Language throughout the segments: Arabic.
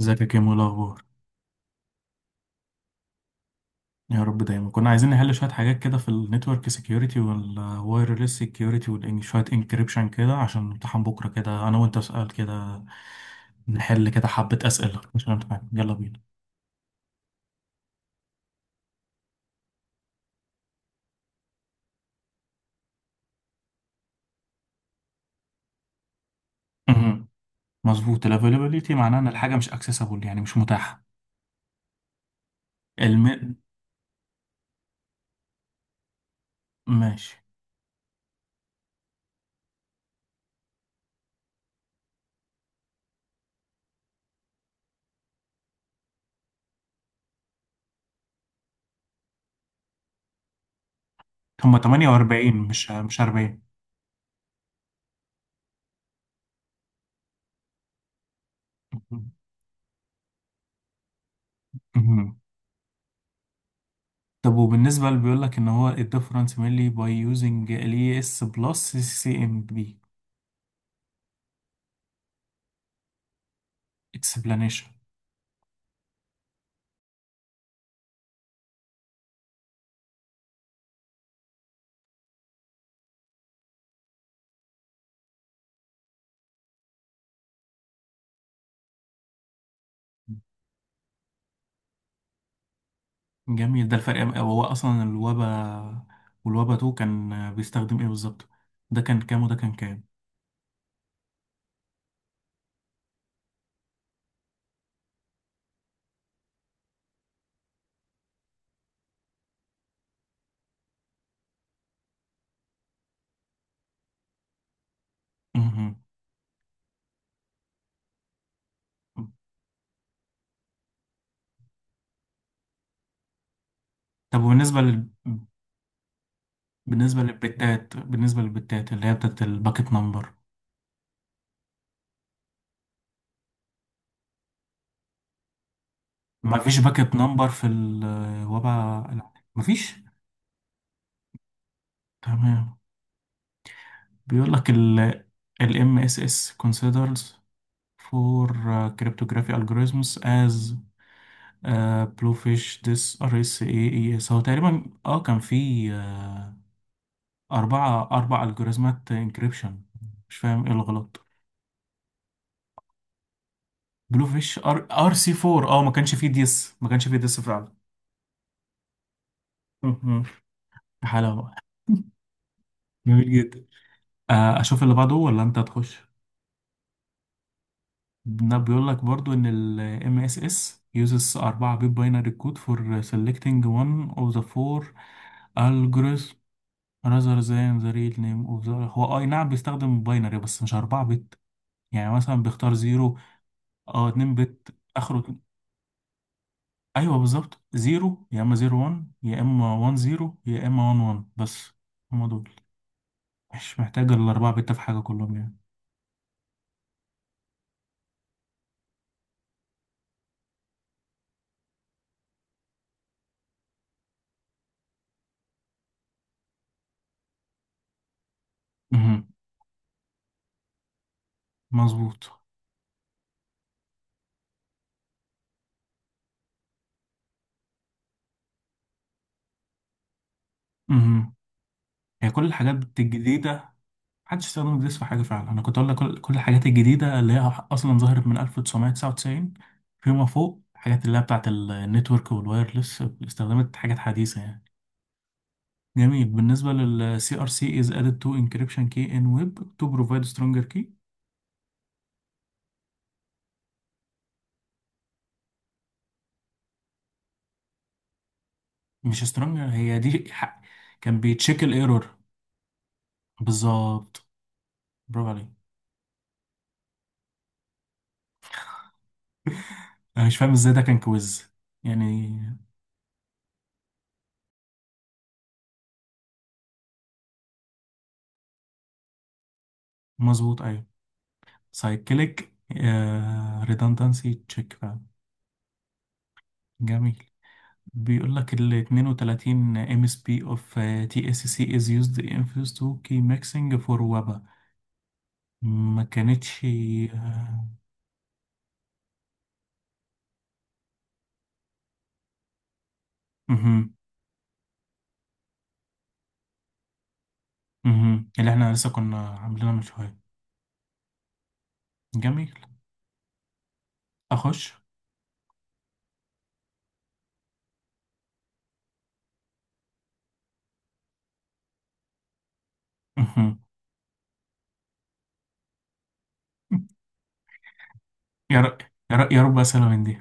ازيك يا كيمو؟ إيه الاخبار؟ يا رب دايما. كنا عايزين نحل شويه حاجات كده في النتورك سيكيورتي والوايرلس سيكيورتي، شويه انكريبشن كده عشان امتحان بكره كده، انا وانت سؤال كده. نحل كده حبه اسئله مش امتحان، يلا بينا. مهم. مظبوط، الافيلابيليتي معناه ان الحاجه مش اكسسبل، يعني مش متاحه. الم... ماشي. هما 48 مش 40. مهم. مهم. طب وبالنسبه اللي بيقول لك ان هو الديفرنس mainly by using ال اس بلس سي ام بي explanation. جميل، ده الفرق. هو اصلا الوبا والوبا 2 كان بيستخدم ايه بالظبط؟ ده كان كام وده كان كام؟ مهم. طب بالنسبه للبتات اللي هي بتاعت الباكت نمبر. ما فيش باكت نمبر في الوبا؟ لا ما فيش. تمام. بيقول لك ال MSS considers for cryptography algorithms as bluefish this RSA ES. هو تقريبا اه كان في أربع ألجوريزمات انكريبشن. مش فاهم إيه الغلط. بلو فيش، أر سي 4. أه ما كانش فيه ديس، فعلا. مهم. حلاوة. جميل جدا. أشوف اللي بعده ولا أنت تخش؟ بيقول لك برضو إن ال MSS uses 4 bit binary code for selecting one of the four algorithms rather than the real name of the. هو أي نعم، بيستخدم باينري بس مش 4 بت. يعني مثلا بيختار 0، أه 2 بت آخره. ايوه بالظبط، زيرو يا اما زيرو وان، يا اما وان زيرو، يا اما وان وان، بس. هما دول. مش محتاج الاربعه بت في حاجه كلهم يعني. امم. مظبوط. امم. هي كل الحاجات الجديده. محدش استخدم جديد في حاجه فعلا. انا كنت اقول لك كل الحاجات الجديده اللي هي اصلا ظهرت من 1999 فيما فوق. الحاجات اللي هي بتاعت النتورك والوايرلس استخدمت حاجات حديثه يعني. جميل. بالنسبه لل CRC is added to encryption key in web to provide stronger key. مش سترونج، هي دي كان بيتشيك الايرور. بالظبط، برافو عليك. انا مش فاهم ازاي ده كان كويز يعني. مظبوط، ايوه. سايكليك ريدندنسي تشيك فعلا. جميل. بيقول لك ال 32 ام اس بي اوف تي اس سي از يوزد ان فيوز تو كي ميكسنج فور وابا. ما كانتش. آه، مهم. مهم. اللي احنا لسه كنا عاملينها من شويه. جميل. اخش. مهم. يا رب، يا رب، يا رب اسئله من دي.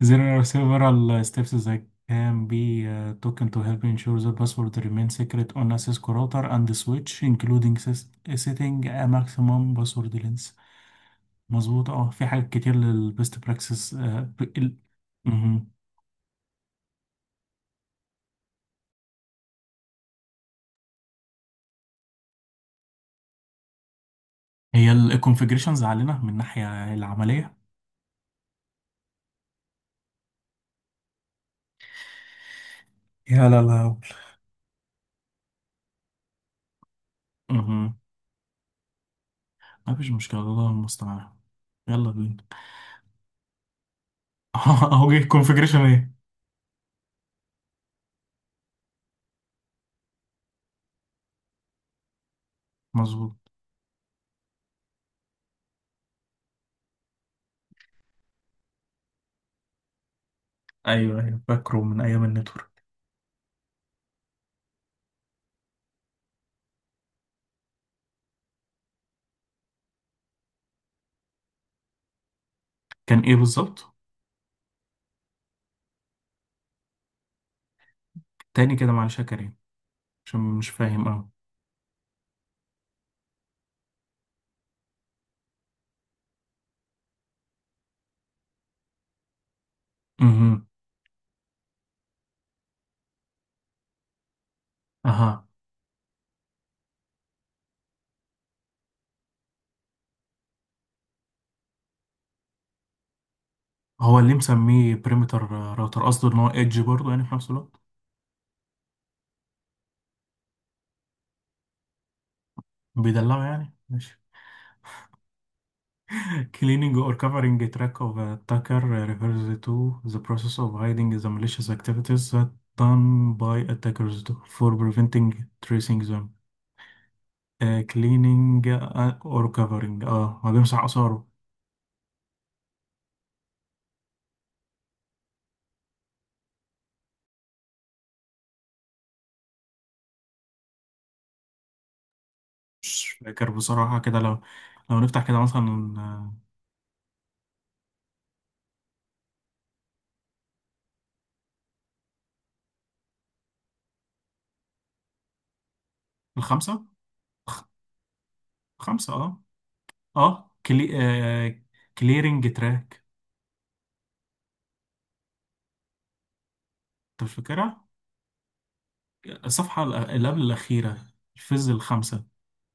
There are several steps that can be taken to help ensure the password remains secret on a Cisco router and switch, including setting a maximum password length. مظبوط، اه في حاجات كتير للبيست براكسس مهم. هي الكونفجريشنز علينا من الناحية العملية. يا لا لا. مهم. مفيش مشكلة، الله المستعان. يلا بينا. اهو جه كونفجريشن ايه. مظبوط. ايوه ايوه، فاكره من ايام النتورك. كان ايه بالظبط؟ تاني كده معلش يا كريم، عشان مش فاهم اه. امم. اها. هو اللي مسميه بريمتر راوتر، قصده ان هو ايدج برضه يعني في نفس الوقت. بيدلعه يعني، ماشي. cleaning or covering a track of attacker refers to the process of hiding the malicious activities that done by attackers for preventing tracing them. Cleaning or covering، اه هو بيمسح آثاره. مش فاكر بصراحة كده، لو نفتح كده مثلا. الخمسة. خ- خمسة اه. اه كلي... آه... كليرنج تراك. انت مش فاكرها. الصفحه اللي قبل الاخيره، الفيز الخامسه،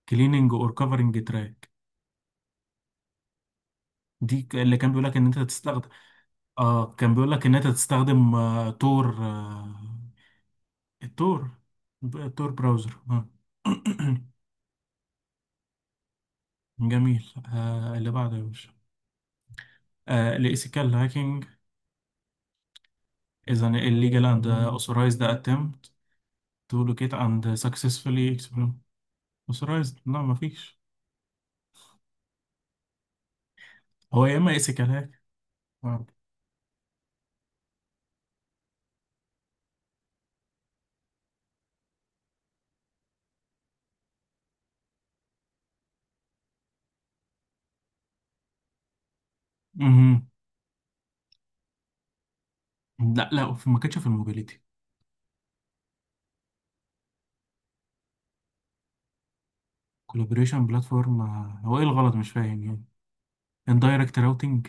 كليننج اور كفرنج تراك. دي اللي كان بيقول لك ان انت تستخدم. اه كان بيقول لك ان انت تستخدم تور. التور. تور براوزر، آه. جميل. اللي بعده يا باشا. الاسيكال هاكينج is an illegal and authorized attempt to locate and successfully exploit. authorized، لا مفيش. هو يا اما اسيكال، آه. مهم. لا لا ما كانتش في الموبيليتي. كولابوريشن بلاتفورم. هو ايه الغلط مش فاهم يعني. اندايركت راوتنج.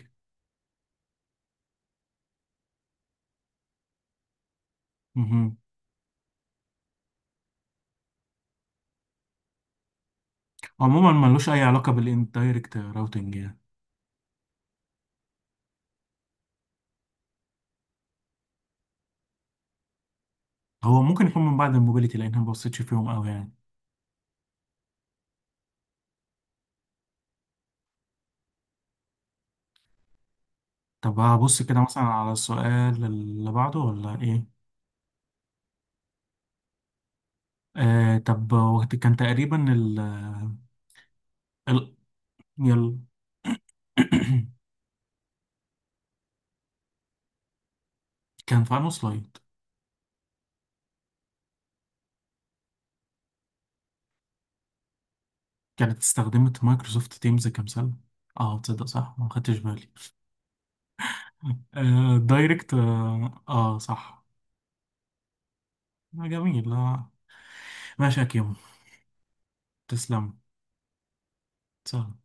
عموما ملوش اي علاقه بالاندايركت راوتنج يعني. هو ممكن يكون من بعد الموبيليتي، لان أنا ما بصيتش فيهم قوي يعني. طب هبص كده مثلا على السؤال اللي بعده ولا ايه؟ آه طب وقت كان تقريبا ال يلا. كان في انه سلايد كانت استخدمت مايكروسوفت تيمز كمثال. اه تصدق صح ما خدتش بالي. آه دايركت، اه، آه صح. آه جميل، آه. ماشي يا كيمو، تسلم. سهل